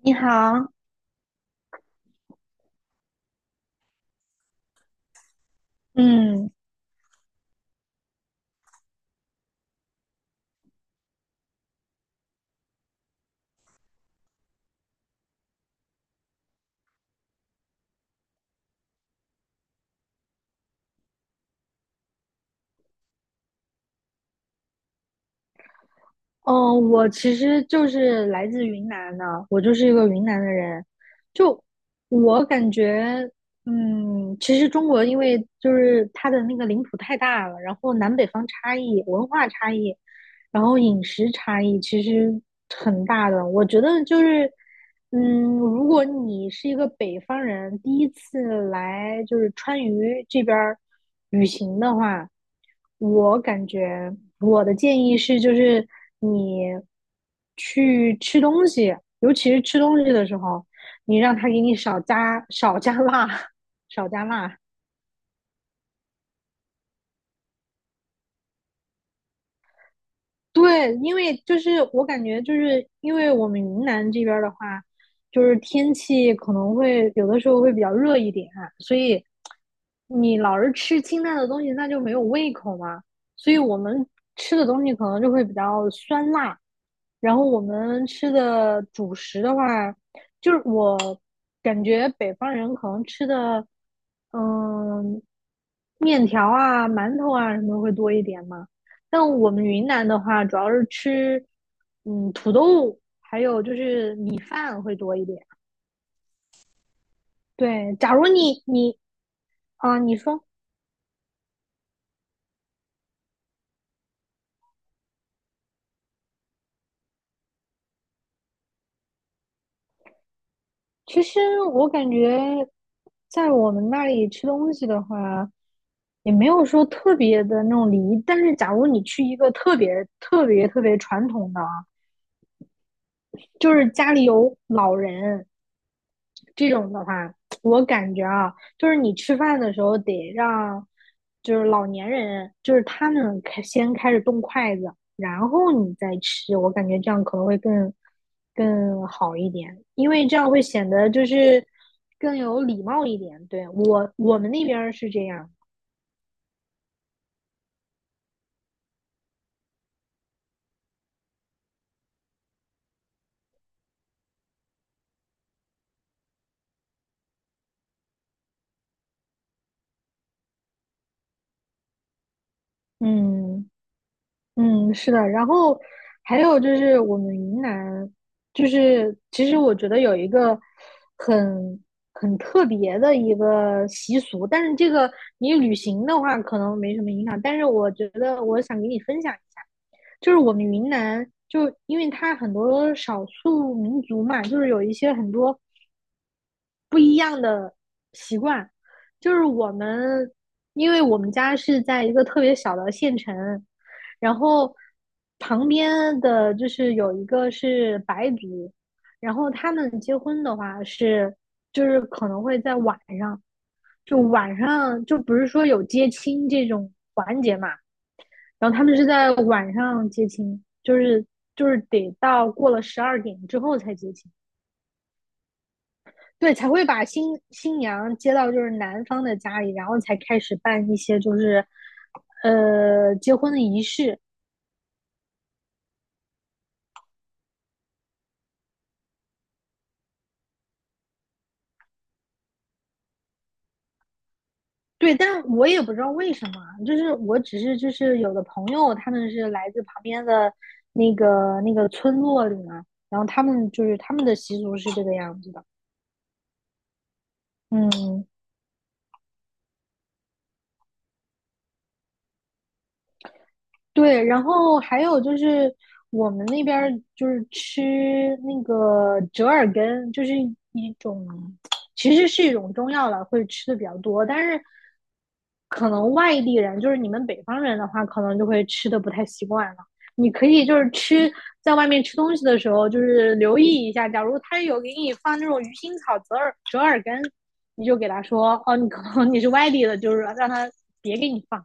你好，嗯，哦，我其实就是来自云南的，我就是一个云南的人。就我感觉，其实中国因为就是它的那个领土太大了，然后南北方差异、文化差异，然后饮食差异其实很大的，我觉得就是，如果你是一个北方人，第一次来就是川渝这边儿旅行的话，我感觉我的建议是，就是你去吃东西，尤其是吃东西的时候，你让他给你少加辣，少加辣。对，因为就是我感觉就是因为我们云南这边儿的话，就是天气可能会有的时候会比较热一点啊，所以你老是吃清淡的东西，那就没有胃口嘛。所以我们吃的东西可能就会比较酸辣，然后我们吃的主食的话，就是我感觉北方人可能吃的，嗯，面条啊、馒头啊什么会多一点嘛。但我们云南的话，主要是吃土豆，还有就是米饭会多一点。对，假如你你啊，你说，其实我感觉在我们那里吃东西的话，也没有说特别的那种离。但是，假如你去一个特别特别特别传统的啊，就是家里有老人，这种的话，我感觉啊，就是你吃饭的时候得让，就是老年人，就是他们先开始动筷子，然后你再吃，我感觉这样可能会更好一点，因为这样会显得就是更有礼貌一点。对，我们那边是这样，嗯。嗯，是的，然后还有就是我们云南，就是其实我觉得有一个很很特别的一个习俗，但是这个你旅行的话可能没什么影响，但是我觉得我想给你分享一下，就是我们云南，就因为它很多少数民族嘛，就是有一些很多。不一样的习惯，就是我们，因为我们家是在一个特别小的县城，然后旁边的就是有一个是白族，然后他们结婚的话是，就是可能会在晚上，就晚上就不是说有接亲这种环节嘛，然后他们是在晚上接亲，就是得到过了12点之后才接亲。对，才会把新娘接到就是男方的家里，然后才开始办一些就是，结婚的仪式。对，但我也不知道为什么，就是我只是就是有的朋友他们是来自旁边的那个村落里嘛，然后他们就是他们的习俗是这个样子的。嗯，对，然后还有就是我们那边儿就是吃那个折耳根，就是一种，其实是一种中药了，会吃的比较多。但是可能外地人，就是你们北方人的话，可能就会吃的不太习惯了。你可以就是吃在外面吃东西的时候，就是留意一下，假如他有给你放那种鱼腥草、折耳根，你就给他说，哦，你可能你是外地的，就是让他别给你放。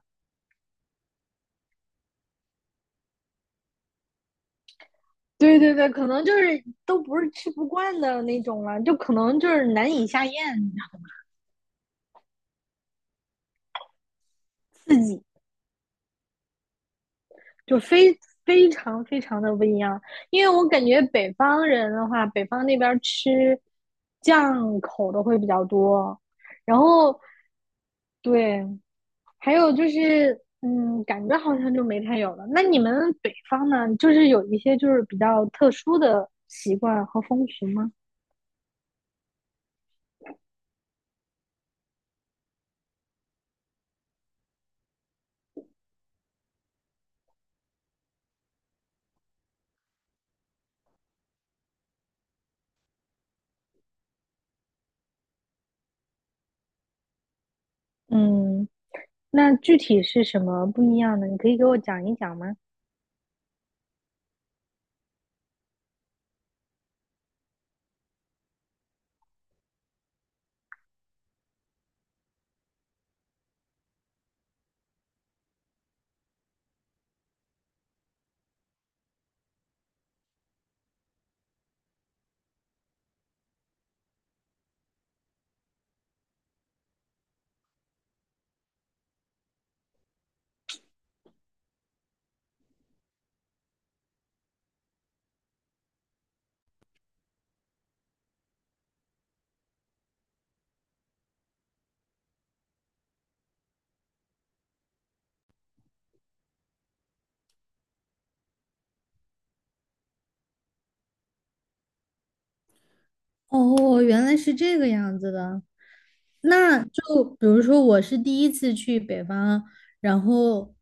对对对，可能就是都不是吃不惯的那种了，就可能就是难以下咽，刺激就非常非常的不一样。因为我感觉北方人的话，北方那边儿吃酱口的会比较多，然后对，还有就是感觉好像就没太有了。那你们北方呢，就是有一些就是比较特殊的习惯和风俗吗？嗯，那具体是什么不一样的？你可以给我讲一讲吗？哦，原来是这个样子的。那就比如说，我是第一次去北方，然后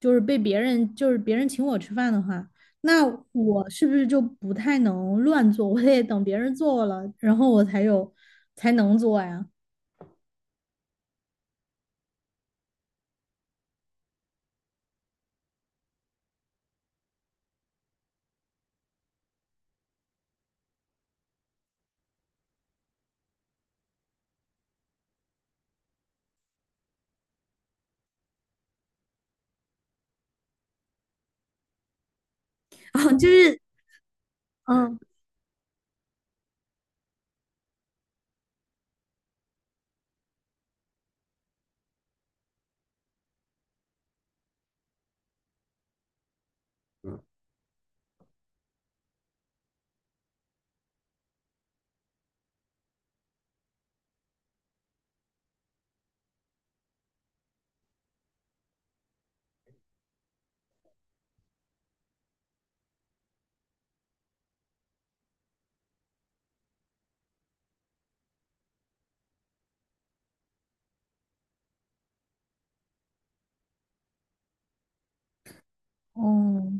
就是被别人，就是别人请我吃饭的话，那我是不是就不太能乱做？我得等别人做了，然后我才能做呀。然就是，嗯，哦，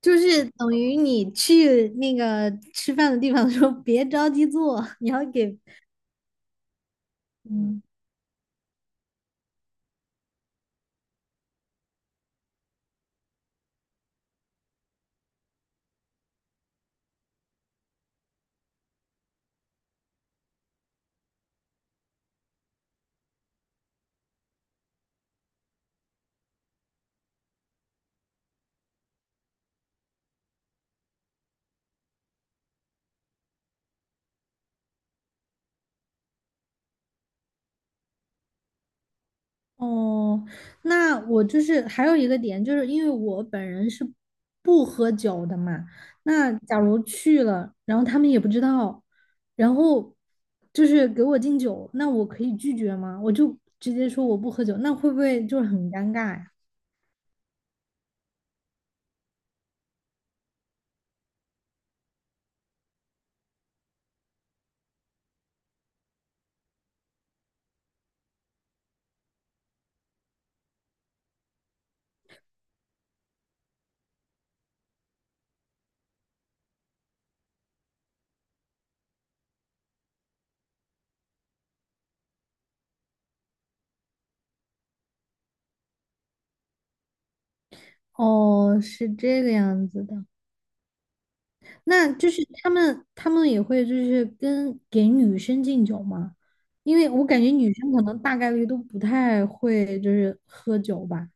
就是等于你去那个吃饭的地方的时候，别着急做，你要给，嗯。哦，那我就是还有一个点，就是因为我本人是不喝酒的嘛，那假如去了，然后他们也不知道，然后就是给我敬酒，那我可以拒绝吗？我就直接说我不喝酒，那会不会就是很尴尬呀？哦，是这个样子的，那就是他们也会就是给女生敬酒吗？因为我感觉女生可能大概率都不太会就是喝酒吧。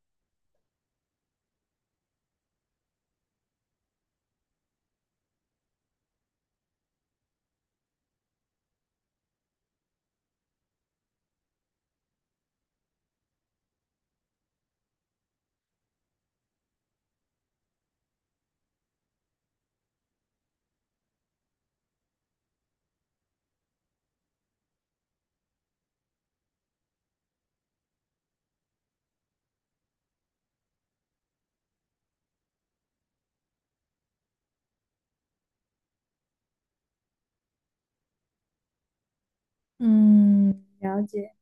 嗯，了解，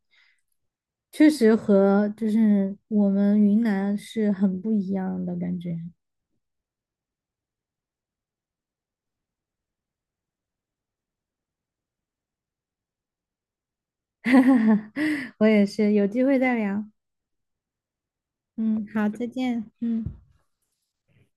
确实和就是我们云南是很不一样的感觉。我也是，有机会再聊。嗯，好，再见。嗯。